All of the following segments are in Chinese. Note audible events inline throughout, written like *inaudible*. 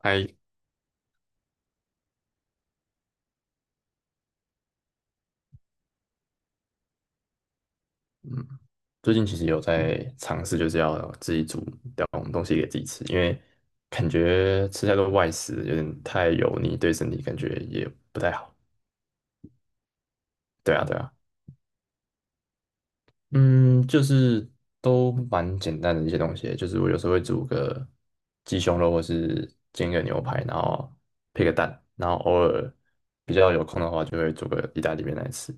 还嗯，最近其实有在尝试，就是要自己煮点东西给自己吃，因为感觉吃太多外食有点太油腻，对身体感觉也不太好。对啊，对啊，嗯，就是都蛮简单的一些东西，就是我有时候会煮个鸡胸肉，或是煎个牛排，然后配个蛋，然后偶尔比较有空的话，就会煮个意大利面来吃。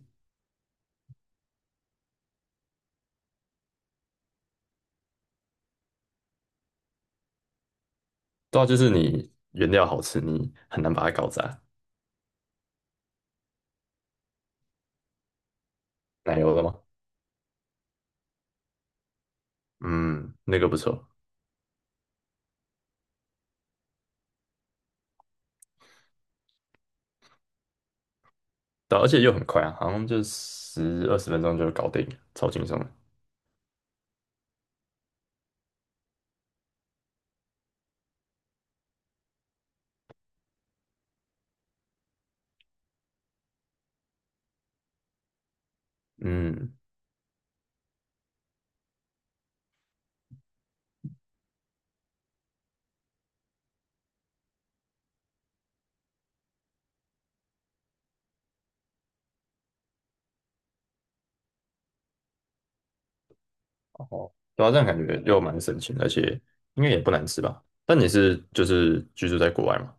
对啊，就是你原料好吃，你很难把它搞砸。奶油的吗？嗯，那个不错。对啊而且又很快啊，好像就10、20分钟就搞定，超轻松的。嗯，哦，对啊，这样感觉又蛮省钱，而且应该也不难吃吧？但你是就是居住在国外嘛，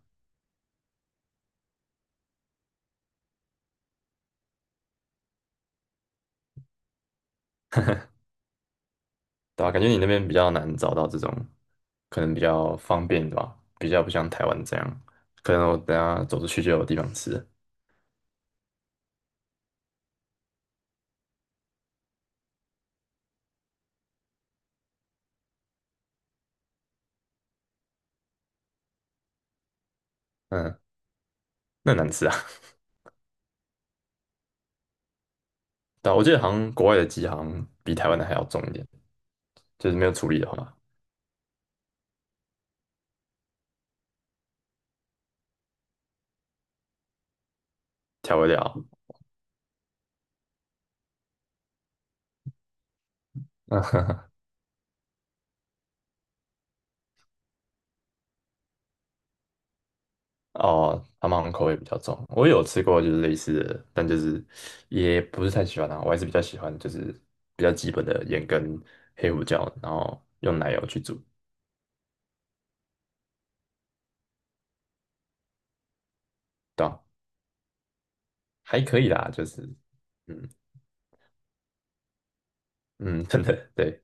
对吧？感觉你那边比较难找到这种，可能比较方便，对吧？比较不像台湾这样，可能我等下走出去就有地方吃。嗯，那很难吃啊。*laughs* 对啊，我记得好像国外的鸡好像比台湾的还要重一点，就是没有处理的话，调味料。*laughs* 哦，他们好像口味比较重。我有吃过就是类似的，但就是也不是太喜欢啊。我还是比较喜欢就是比较基本的盐跟黑胡椒，然后用奶油去煮，对啊，还可以啦，就是嗯嗯，真的对，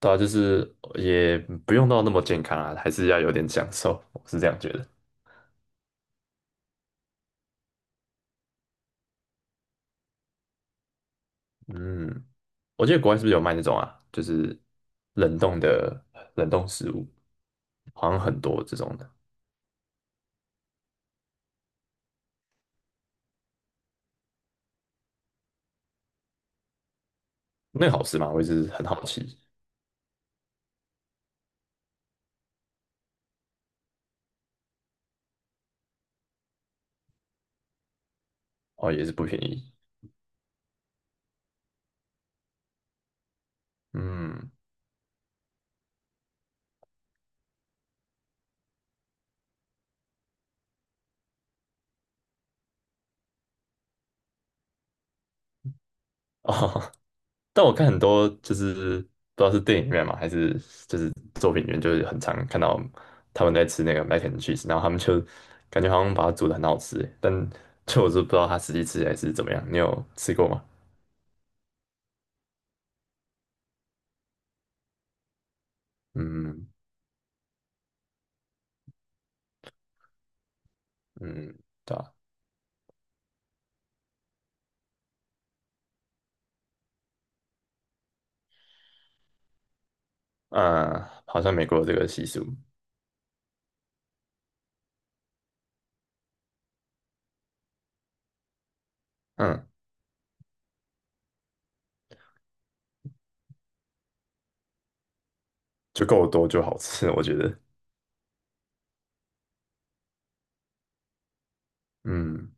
对啊，就是也不用到那么健康啊，还是要有点享受，我是这样觉得。嗯，我记得国外是不是有卖那种啊，就是冷冻的冷冻食物，好像很多这种的，那个好吃吗？我一直很好奇。哦，也是不便宜。嗯，哦，*laughs* 但我看很多就是不知道是电影院嘛，还是就是作品里面，就是很常看到他们在吃那个 mac and cheese，然后他们就感觉好像把它煮的很好吃欸，但 *laughs* 就我是不知道它实际吃起来是怎么样。你有吃过吗？嗯嗯，对啊，嗯，好像美国有这个习俗，嗯，就够多就好吃，我觉得，嗯，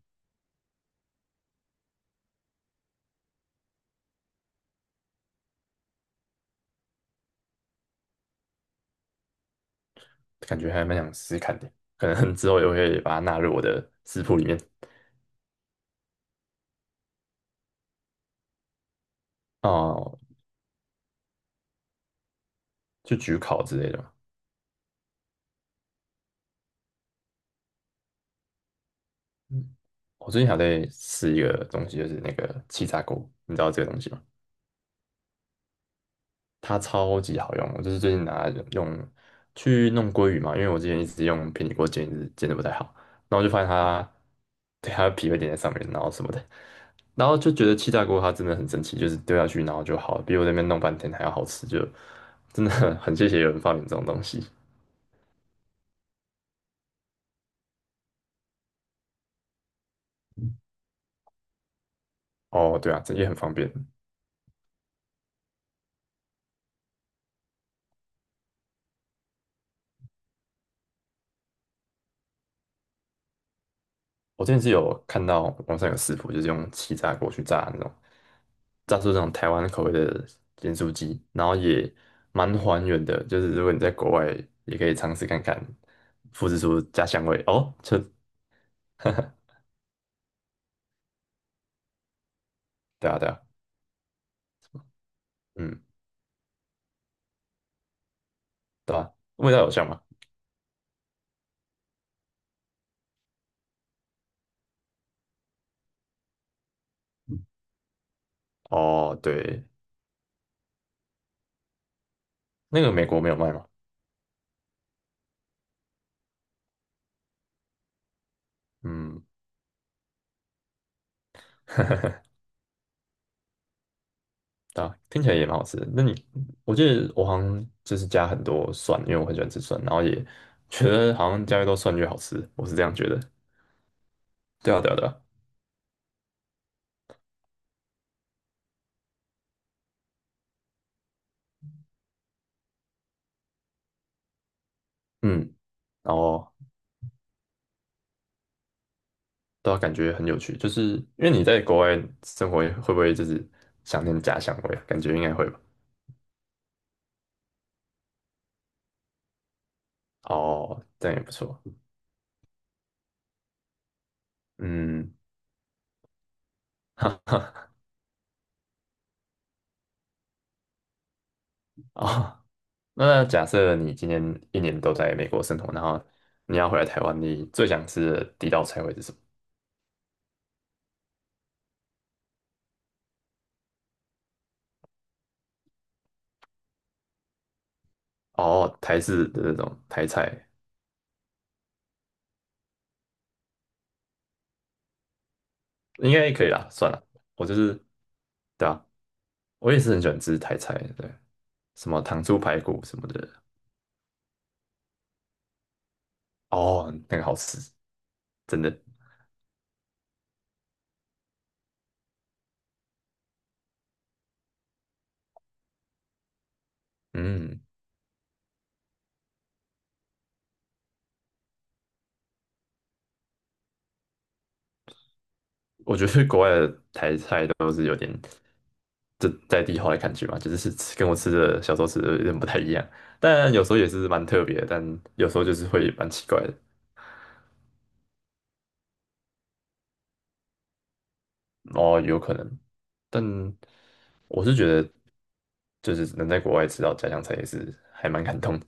感觉还蛮想试试看的，可能之后也会把它纳入我的食谱里面。哦，就焗烤之类的。嗯我最近还在试一个东西，就是那个气炸锅，你知道这个东西吗？它超级好用，我就是最近拿来用去弄鲑鱼嘛，因为我之前一直用平底锅煎，一直煎的不太好，然后就发现它，对，它的皮会粘在上面，然后什么的，然后就觉得气炸锅它真的很神奇，就是丢下去然后就好了，比我在那边弄半天还要好吃，就真的很谢谢有人发明这种东西。哦，对啊，这也很方便。我之前是有看到网上有食谱，就是用气炸锅去炸那种，炸出那种台湾口味的盐酥鸡，然后也蛮还原的。就是如果你在国外，也可以尝试看看，复制出家乡味。哦，这对啊对啊，嗯，对啊，味道有像吗？哦，对，那个美国没有卖吗？嗯，*laughs* 对啊，听起来也蛮好吃的。那你，我记得我好像就是加很多蒜，因为我很喜欢吃蒜，然后也觉得好像加越多蒜越好吃，我是这样觉得。对啊，对啊，对啊，嗯，然后都感觉很有趣，就是因为你在国外生活，会不会就是想念家乡味啊？感觉应该会吧。哦，这样也不错。嗯，*laughs* 哈哈，哦，那假设你今年一年都在美国生活，然后你要回来台湾，你最想吃的第一道菜会是什么？哦，台式的那种台菜应该可以啦，算了，我就是，对啊，我也是很喜欢吃台菜，对，什么糖醋排骨什么的，哦，那个好吃，真的。嗯，我觉得国外的台菜都是有点这在地化的感觉嘛，就是是吃跟我吃的小时候吃的有点不太一样，但有时候也是蛮特别的但有时候就是会蛮奇怪的，哦，有可能，但我是觉得就是能在国外吃到家乡菜也是还蛮感动的，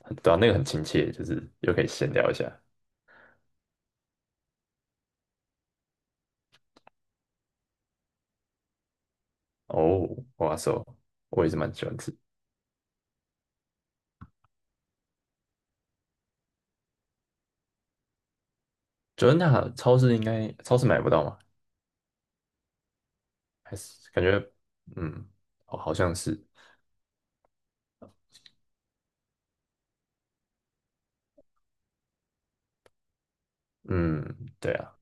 很对啊，那个很亲切，就是又可以闲聊一下。哦，哇塞，我也是蛮喜欢吃。九恩大超市应该超市买不到吗？还是感觉，嗯，哦，好像是，嗯，对啊，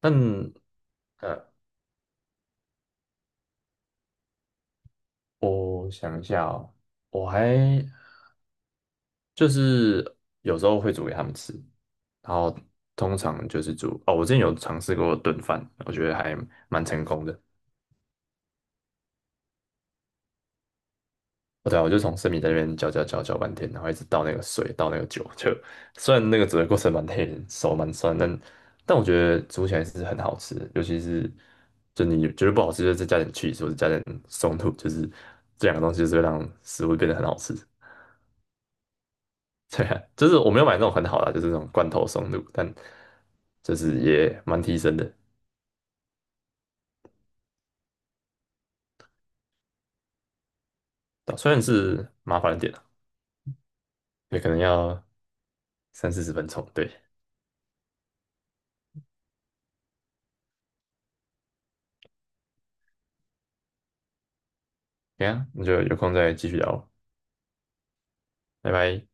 但呃，我想一下哦，我还就是有时候会煮给他们吃，然后通常就是煮，哦，我之前有尝试过炖饭，我觉得还蛮成功的。哦对啊，我就从生米在那边搅搅搅搅半天，然后一直倒那个水，倒那个酒，就虽然那个煮的过程蛮累的，手蛮酸，但我觉得煮起来是很好吃的，尤其是就你觉得不好吃，就再加点 c h e e 或者加点松露，就是这两个东西就是会让食物变得很好吃。*laughs* 对啊，就是我没有买那种很好的啊就是那种罐头松露，但就是也蛮提升的，虽然是麻烦一点啊，也可能要30、40分钟。对，对啊，那就有空再继续聊，拜拜。